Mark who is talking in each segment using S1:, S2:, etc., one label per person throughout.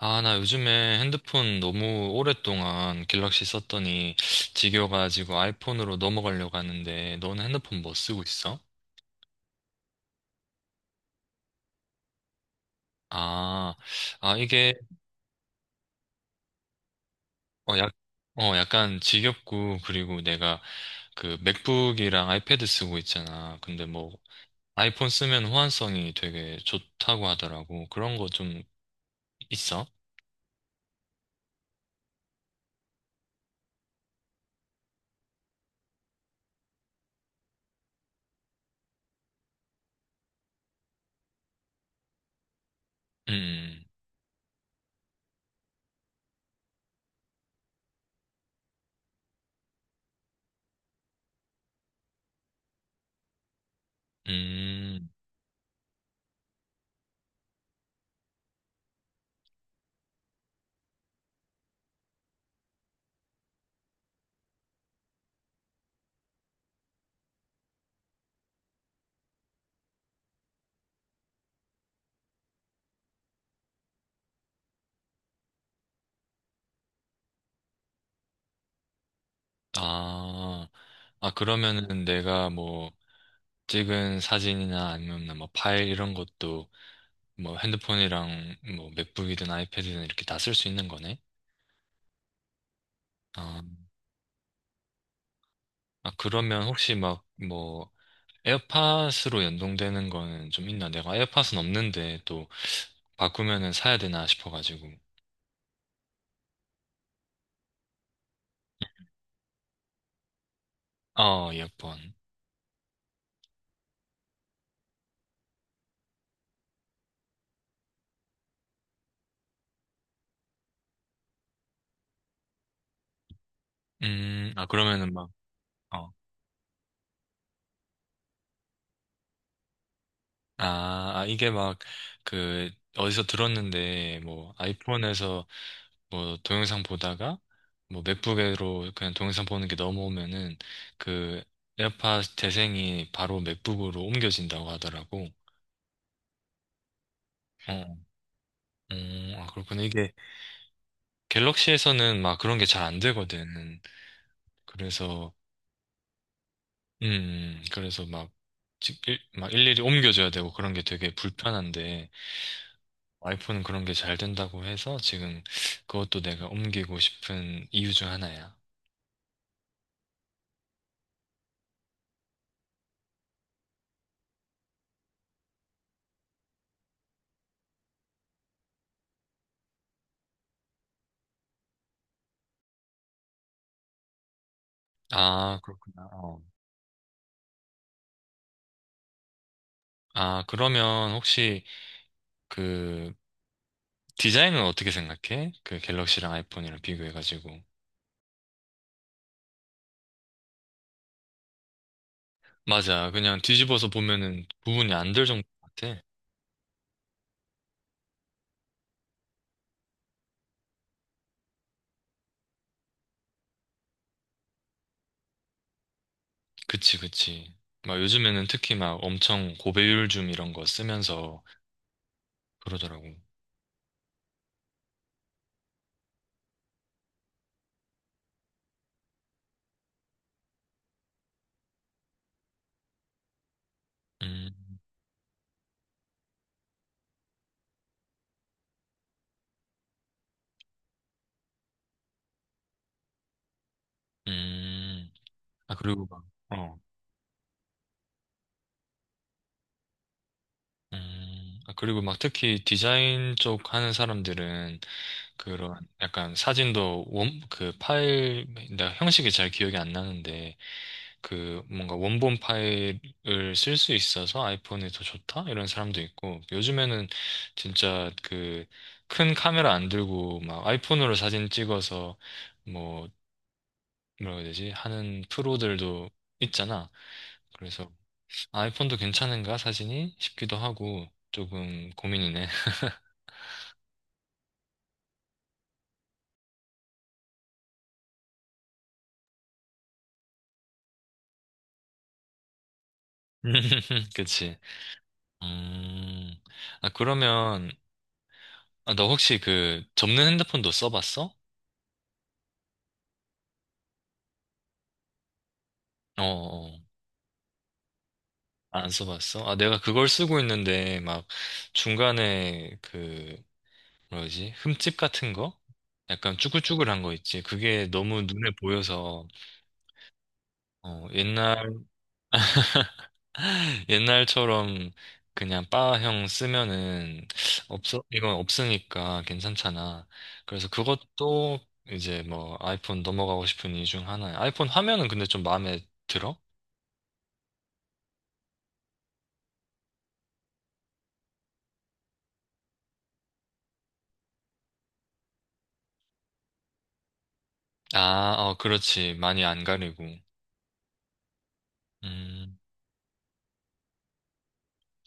S1: 아, 나 요즘에 핸드폰 너무 오랫동안 갤럭시 썼더니 지겨워가지고 아이폰으로 넘어가려고 하는데, 너는 핸드폰 뭐 쓰고 있어? 아, 아, 이게, 어, 약, 어, 약간 지겹고, 그리고 내가 그 맥북이랑 아이패드 쓰고 있잖아. 근데 뭐, 아이폰 쓰면 호환성이 되게 좋다고 하더라고. 그런 거 좀 있어? 음, 음, 음. 아, 그러면은 내가 뭐, 찍은 사진이나 아니면 뭐 파일 이런 것도 뭐 핸드폰이랑 뭐 맥북이든 아이패드든 이렇게 다 쓸 수 있는 거네? 아, 그러면 혹시 막 뭐 에어팟으로 연동되는 거는 좀 있나? 내가 에어팟은 없는데 또 바꾸면은 사야 되나 싶어가지고. 어, 이어폰. 아, 그러면은 막, 어. 아, 아, 이게 막, 그, 어디서 들었는데, 뭐, 아이폰에서 뭐 동영상 보다가 뭐 맥북으로 그냥 동영상 보는 게 넘어오면은 그 에어팟 재생이 바로 맥북으로 옮겨진다고 하더라고. 어, 아, 그렇구나. 이게 갤럭시에서는 막 그런 게 잘 안 되거든. 그래서, 음, 그래서 막, 지- 일, 막 일일이 옮겨줘야 되고 그런 게 되게 불편한데 아이폰은 그런 게 잘 된다고 해서 지금 그것도 내가 옮기고 싶은 이유 중 하나야. 아, 그렇구나. 어. 아, 그러면 혹시 그 디자인은 어떻게 생각해? 그 갤럭시랑 아이폰이랑 비교해가지고. 맞아. 그냥 뒤집어서 보면은 구분이 안 될 정도 같아. 그치, 그치. 막 요즘에는 특히 막 엄청 고배율 줌 이런 거 쓰면서 그러더라고. 음, 음. 아, 그리고 막, 어. 아, 그리고 막 특히 디자인 쪽 하는 사람들은 그런 약간 사진도 그 파일, 나 형식이 잘 기억이 안 나는데 그 뭔가 원본 파일을 쓸 수 있어서 아이폰이 더 좋다? 이런 사람도 있고 요즘에는 진짜 그 큰 카메라 안 들고 막 아이폰으로 사진 찍어서 뭐 뭐라고 해야 되지? 하는 프로들도 있잖아. 그래서 아이폰도 괜찮은가 사진이 싶기도 하고 조금 고민이네. 그치. 음. 아 그러면 아, 너 혹시 그 접는 핸드폰도 써봤어? 어, 어. 안 써봤어? 아 내가 그걸 쓰고 있는데 막 중간에 그 뭐지 흠집 같은 거? 약간 쭈글쭈글한 거 있지. 그게 너무 눈에 보여서 어, 옛날 옛날처럼 그냥 바형 쓰면은 없어 이건 없으니까 괜찮잖아. 그래서 그것도 이제 뭐 아이폰 넘어가고 싶은 이유 중 하나야. 아이폰 화면은 근데 좀 마음에 들어? 아, 어, 그렇지. 많이 안 가리고. 음.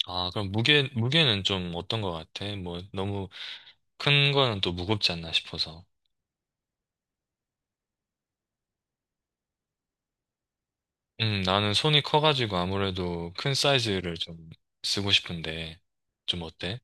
S1: 아, 그럼 무게는 좀 어떤 것 같아? 뭐 너무 큰 거는 또 무겁지 않나 싶어서. 나는 손이 커가지고 아무래도 큰 사이즈를 좀 쓰고 싶은데 좀 어때?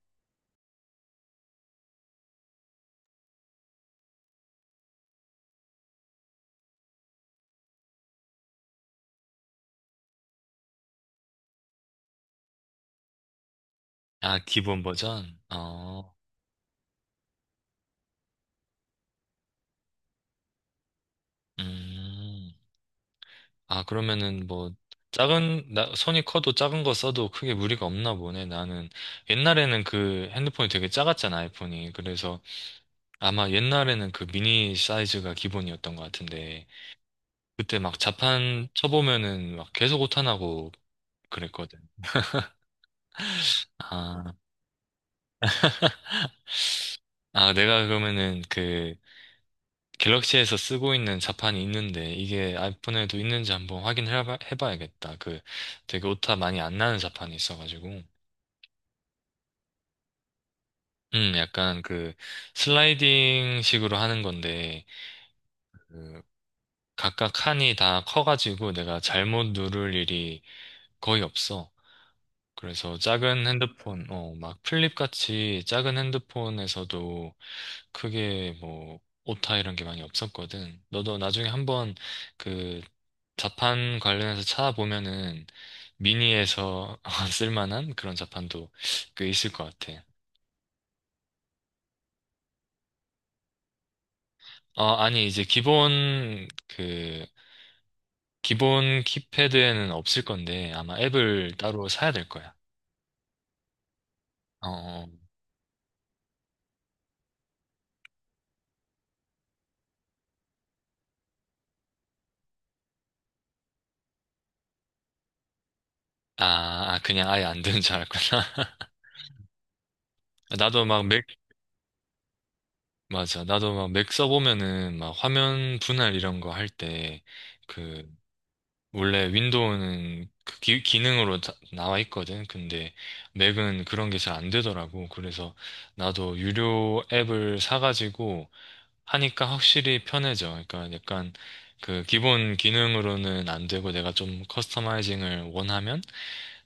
S1: 아, 기본 버전? 어. 음. 아, 그러면은 뭐, 작은, 나, 손이 커도 작은 거 써도 크게 무리가 없나 보네. 나는 옛날에는 그 핸드폰이 되게 작았잖아, 아이폰이. 그래서 아마 옛날에는 그 미니 사이즈가 기본이었던 것 같은데, 그때 막 자판 쳐보면은 막 계속 오타나고 그랬거든. 아, 내가 그러면은 그 갤럭시에서 쓰고 있는 자판이 있는데, 이게 아이폰에도 있는지 한번 확인해 봐야겠다. 그 되게 오타 많이 안 나는 자판이 있어가지고. 약간 그 슬라이딩 식으로 하는 건데, 그 각각 칸이 다 커가지고 내가 잘못 누를 일이 거의 없어. 그래서 작은 핸드폰, 어, 막 플립 같이 작은 핸드폰에서도 크게 뭐 오타 이런 게 많이 없었거든. 너도 나중에 한번 그 자판 관련해서 찾아보면은 미니에서 쓸만한 그런 자판도 꽤 있을 것 같아. 어, 아니, 이제 기본 키패드에는 없을 건데 아마 앱을 따로 사야 될 거야. 어, 어. 아, 아, 그냥 아예 안 되는 줄 알았구나. 나도 막 맥, 맞아. 나도 막 맥 써보면은 막 화면 분할 이런 거 할 때 그, 원래 윈도우는 그 기능으로 다- 나와 있거든. 근데 맥은 그런 게 잘 안 되더라고. 그래서 나도 유료 앱을 사가지고 하니까 확실히 편해져. 그러니까 약간 그 기본 기능으로는 안 되고 내가 좀 커스터마이징을 원하면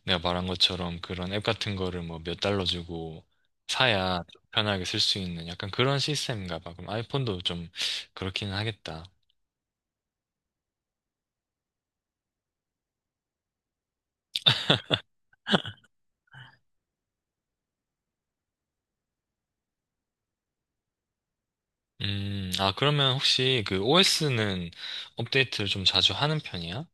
S1: 내가 말한 것처럼 그런 앱 같은 거를 뭐 몇 달러 주고 사야 좀 편하게 쓸 수 있는 약간 그런 시스템인가 봐. 그럼 아이폰도 좀 그렇기는 하겠다. 아, 그러면 혹시 그 OS는 업데이트를 좀 자주 하는 편이야?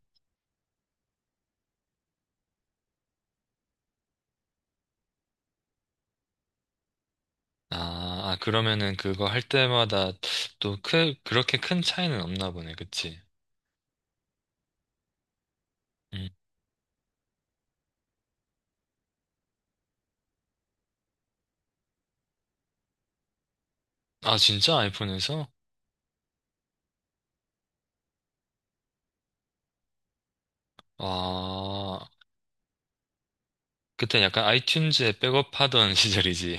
S1: 아, 그러면은 그거 할 때마다 또 크, 그렇게 큰 차이는 없나 보네. 그치? 음. 아, 진짜 아이폰에서? 아, 그때 약간 아이튠즈에 백업하던 시절이지.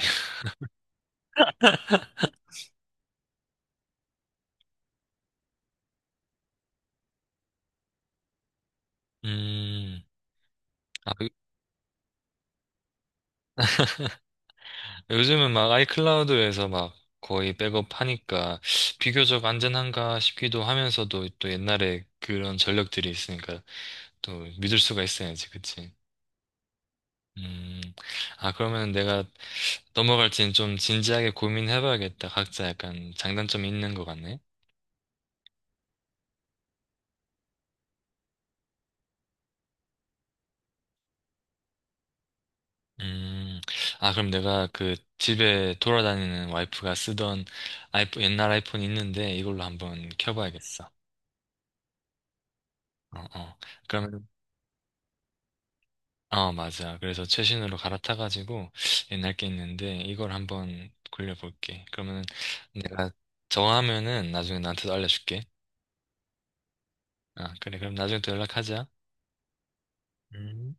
S1: 음, 아, 요- 요즘은 막 아이클라우드에서 막 거의 백업하니까 비교적 안전한가 싶기도 하면서도 또 옛날에 그런 전력들이 있으니까 또 믿을 수가 있어야지, 그치? 음, 아, 그러면 내가 넘어갈지는 좀 진지하게 고민해봐야겠다. 각자 약간 장단점이 있는 것 같네. 음, 아, 그럼 내가 그 집에 돌아다니는 와이프가 쓰던 아이폰, 옛날 아이폰이 있는데 이걸로 한번 켜봐야겠어. 어, 어. 그러면, 어, 맞아. 그래서 최신으로 갈아타가지고 옛날 게 있는데 이걸 한번 굴려볼게. 그러면 내가 정하면은 나중에 나한테도 알려줄게. 아, 그래. 그럼 나중에 또 연락하자. 음.